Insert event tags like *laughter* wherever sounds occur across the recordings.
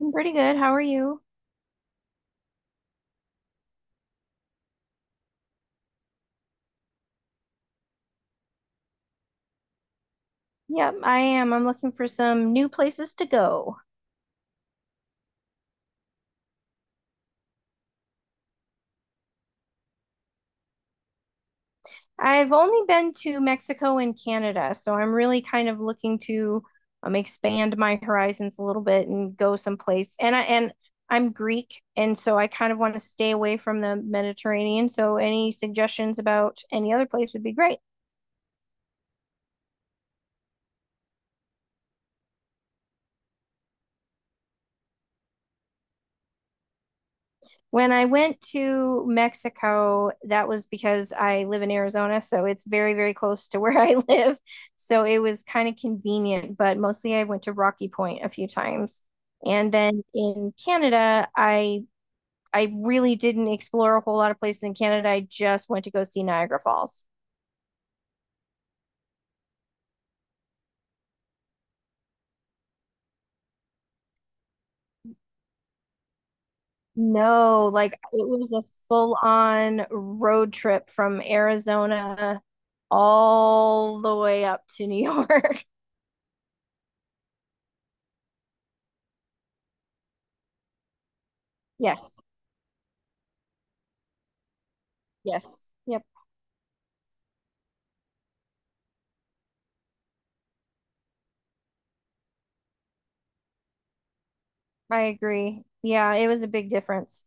I'm pretty good. How are you? Yep, I am. I'm looking for some new places to go. I've only been to Mexico and Canada, so I'm really kind of looking to expand my horizons a little bit and go someplace. And I'm Greek, and so I kind of want to stay away from the Mediterranean. So any suggestions about any other place would be great. When I went to Mexico, that was because I live in Arizona, so it's very, very close to *laughs* where I live. So it was kind of convenient, but mostly I went to Rocky Point a few times. And then in Canada, I really didn't explore a whole lot of places in Canada. I just went to go see Niagara Falls. No, like it was a full-on road trip from Arizona all the way up to New York. *laughs* Yes. Yes. Yep. I agree. Yeah, it was a big difference.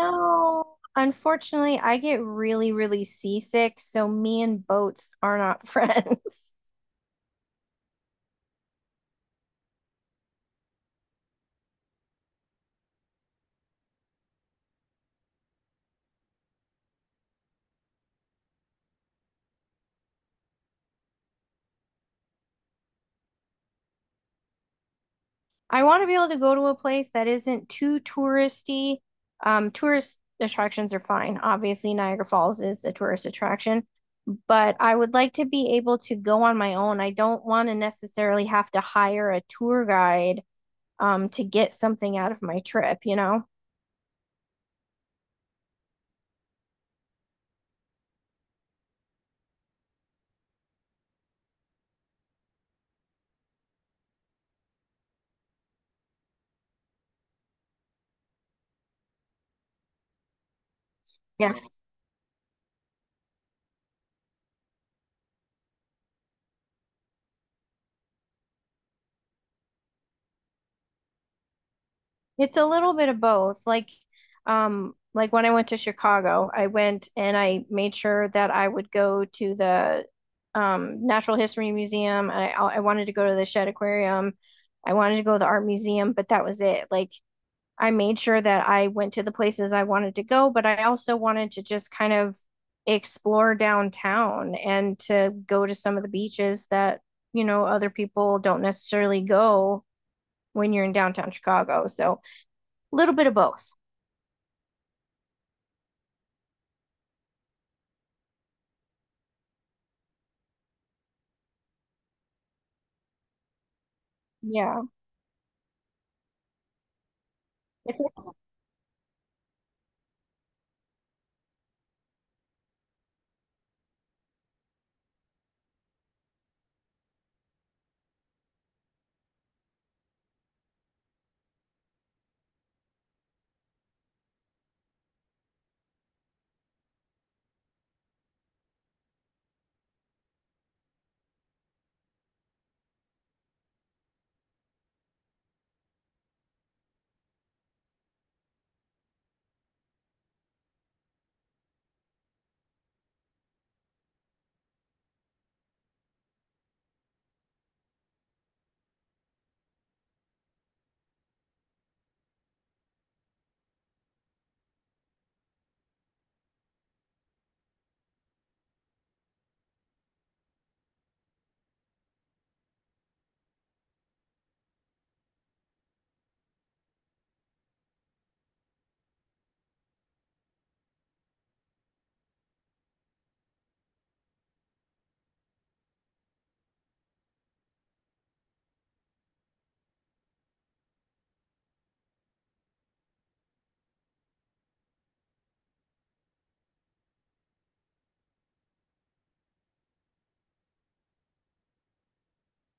No, unfortunately, I get really, really seasick, so me and boats are not *laughs* friends. I want to be able to go to a place that isn't too touristy. Tourist attractions are fine. Obviously, Niagara Falls is a tourist attraction, but I would like to be able to go on my own. I don't want to necessarily have to hire a tour guide, to get something out of my trip? Yeah. It's a little bit of both. Like when I went to Chicago, I went and I made sure that I would go to the Natural History Museum. I wanted to go to the Shedd Aquarium. I wanted to go to the art museum, but that was it. Like, I made sure that I went to the places I wanted to go, but I also wanted to just kind of explore downtown and to go to some of the beaches that, other people don't necessarily go when you're in downtown Chicago. So a little bit of both. Yeah, I think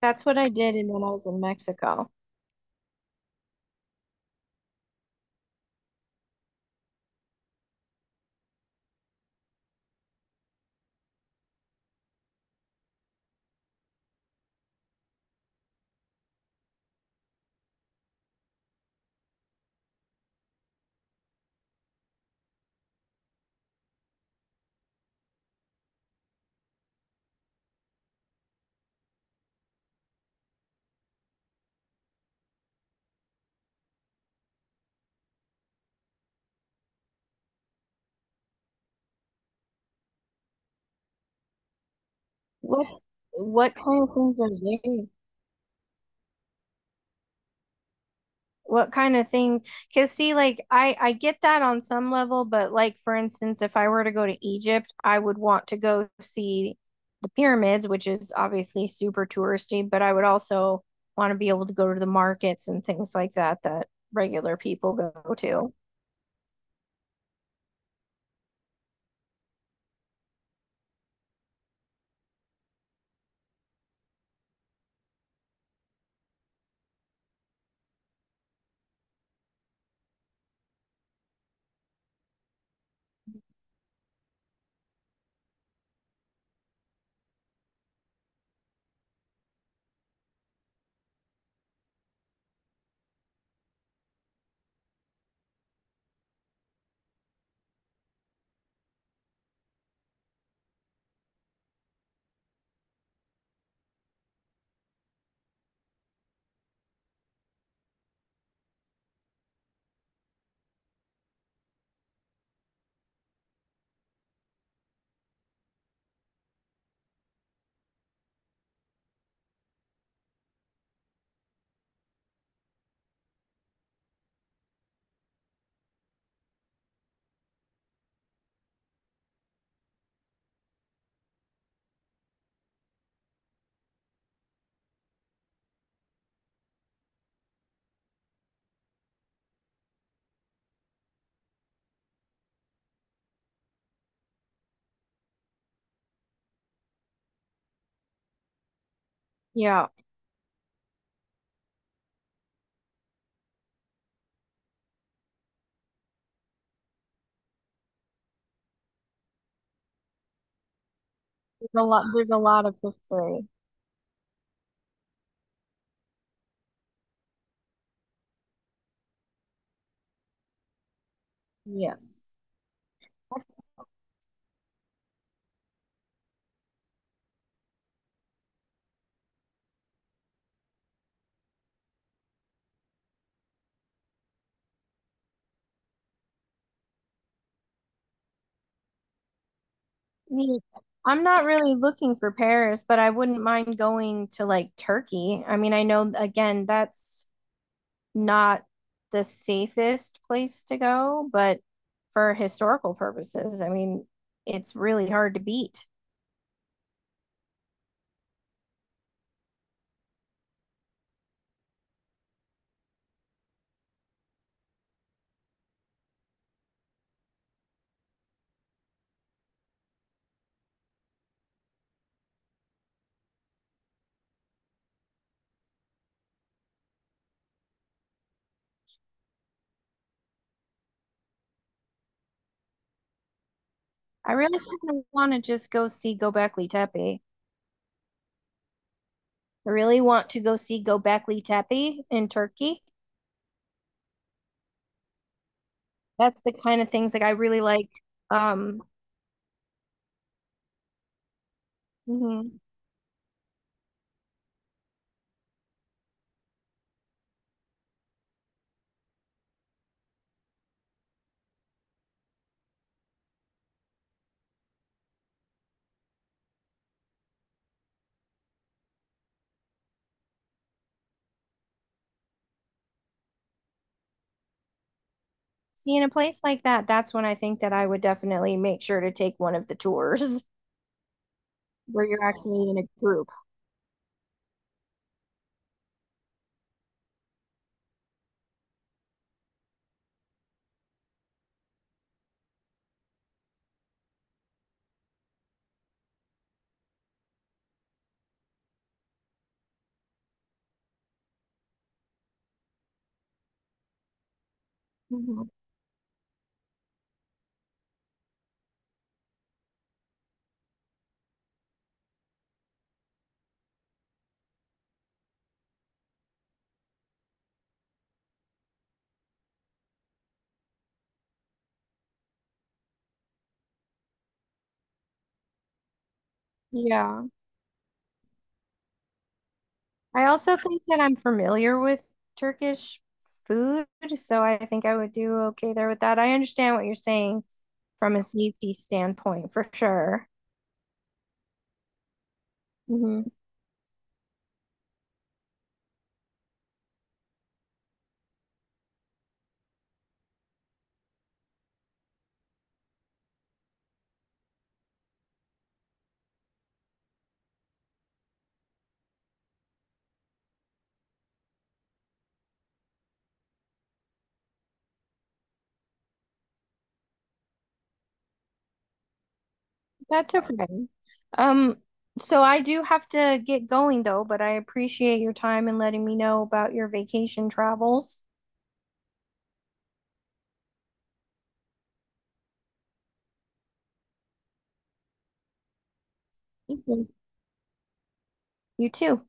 that's what I did, and when I was in Mexico. What what kind of things are they? What kind of things? Because see, like I get that on some level, but like for instance, if I were to go to Egypt, I would want to go see the pyramids, which is obviously super touristy, but I would also want to be able to go to the markets and things like that that regular people go to. Yeah, there's a lot. There's a lot of history. Yes. Me, I'm not really looking for Paris, but I wouldn't mind going to like Turkey. I mean, I know again, that's not the safest place to go, but for historical purposes, I mean, it's really hard to beat. I really kind of want to just go see Göbekli Tepe. I really want to go see Göbekli Tepe in Turkey. That's the kind of things like I really like. Um, mhm. See, in a place like that, that's when I think that I would definitely make sure to take one of the tours *laughs* where you're actually in a group. Mhm. Yeah. I also think that I'm familiar with Turkish food, so I think I would do okay there with that. I understand what you're saying from a safety standpoint for sure. Hmm. That's okay. Um, so I do have to get going though, but I appreciate your time and letting me know about your vacation travels. Thank you. You too.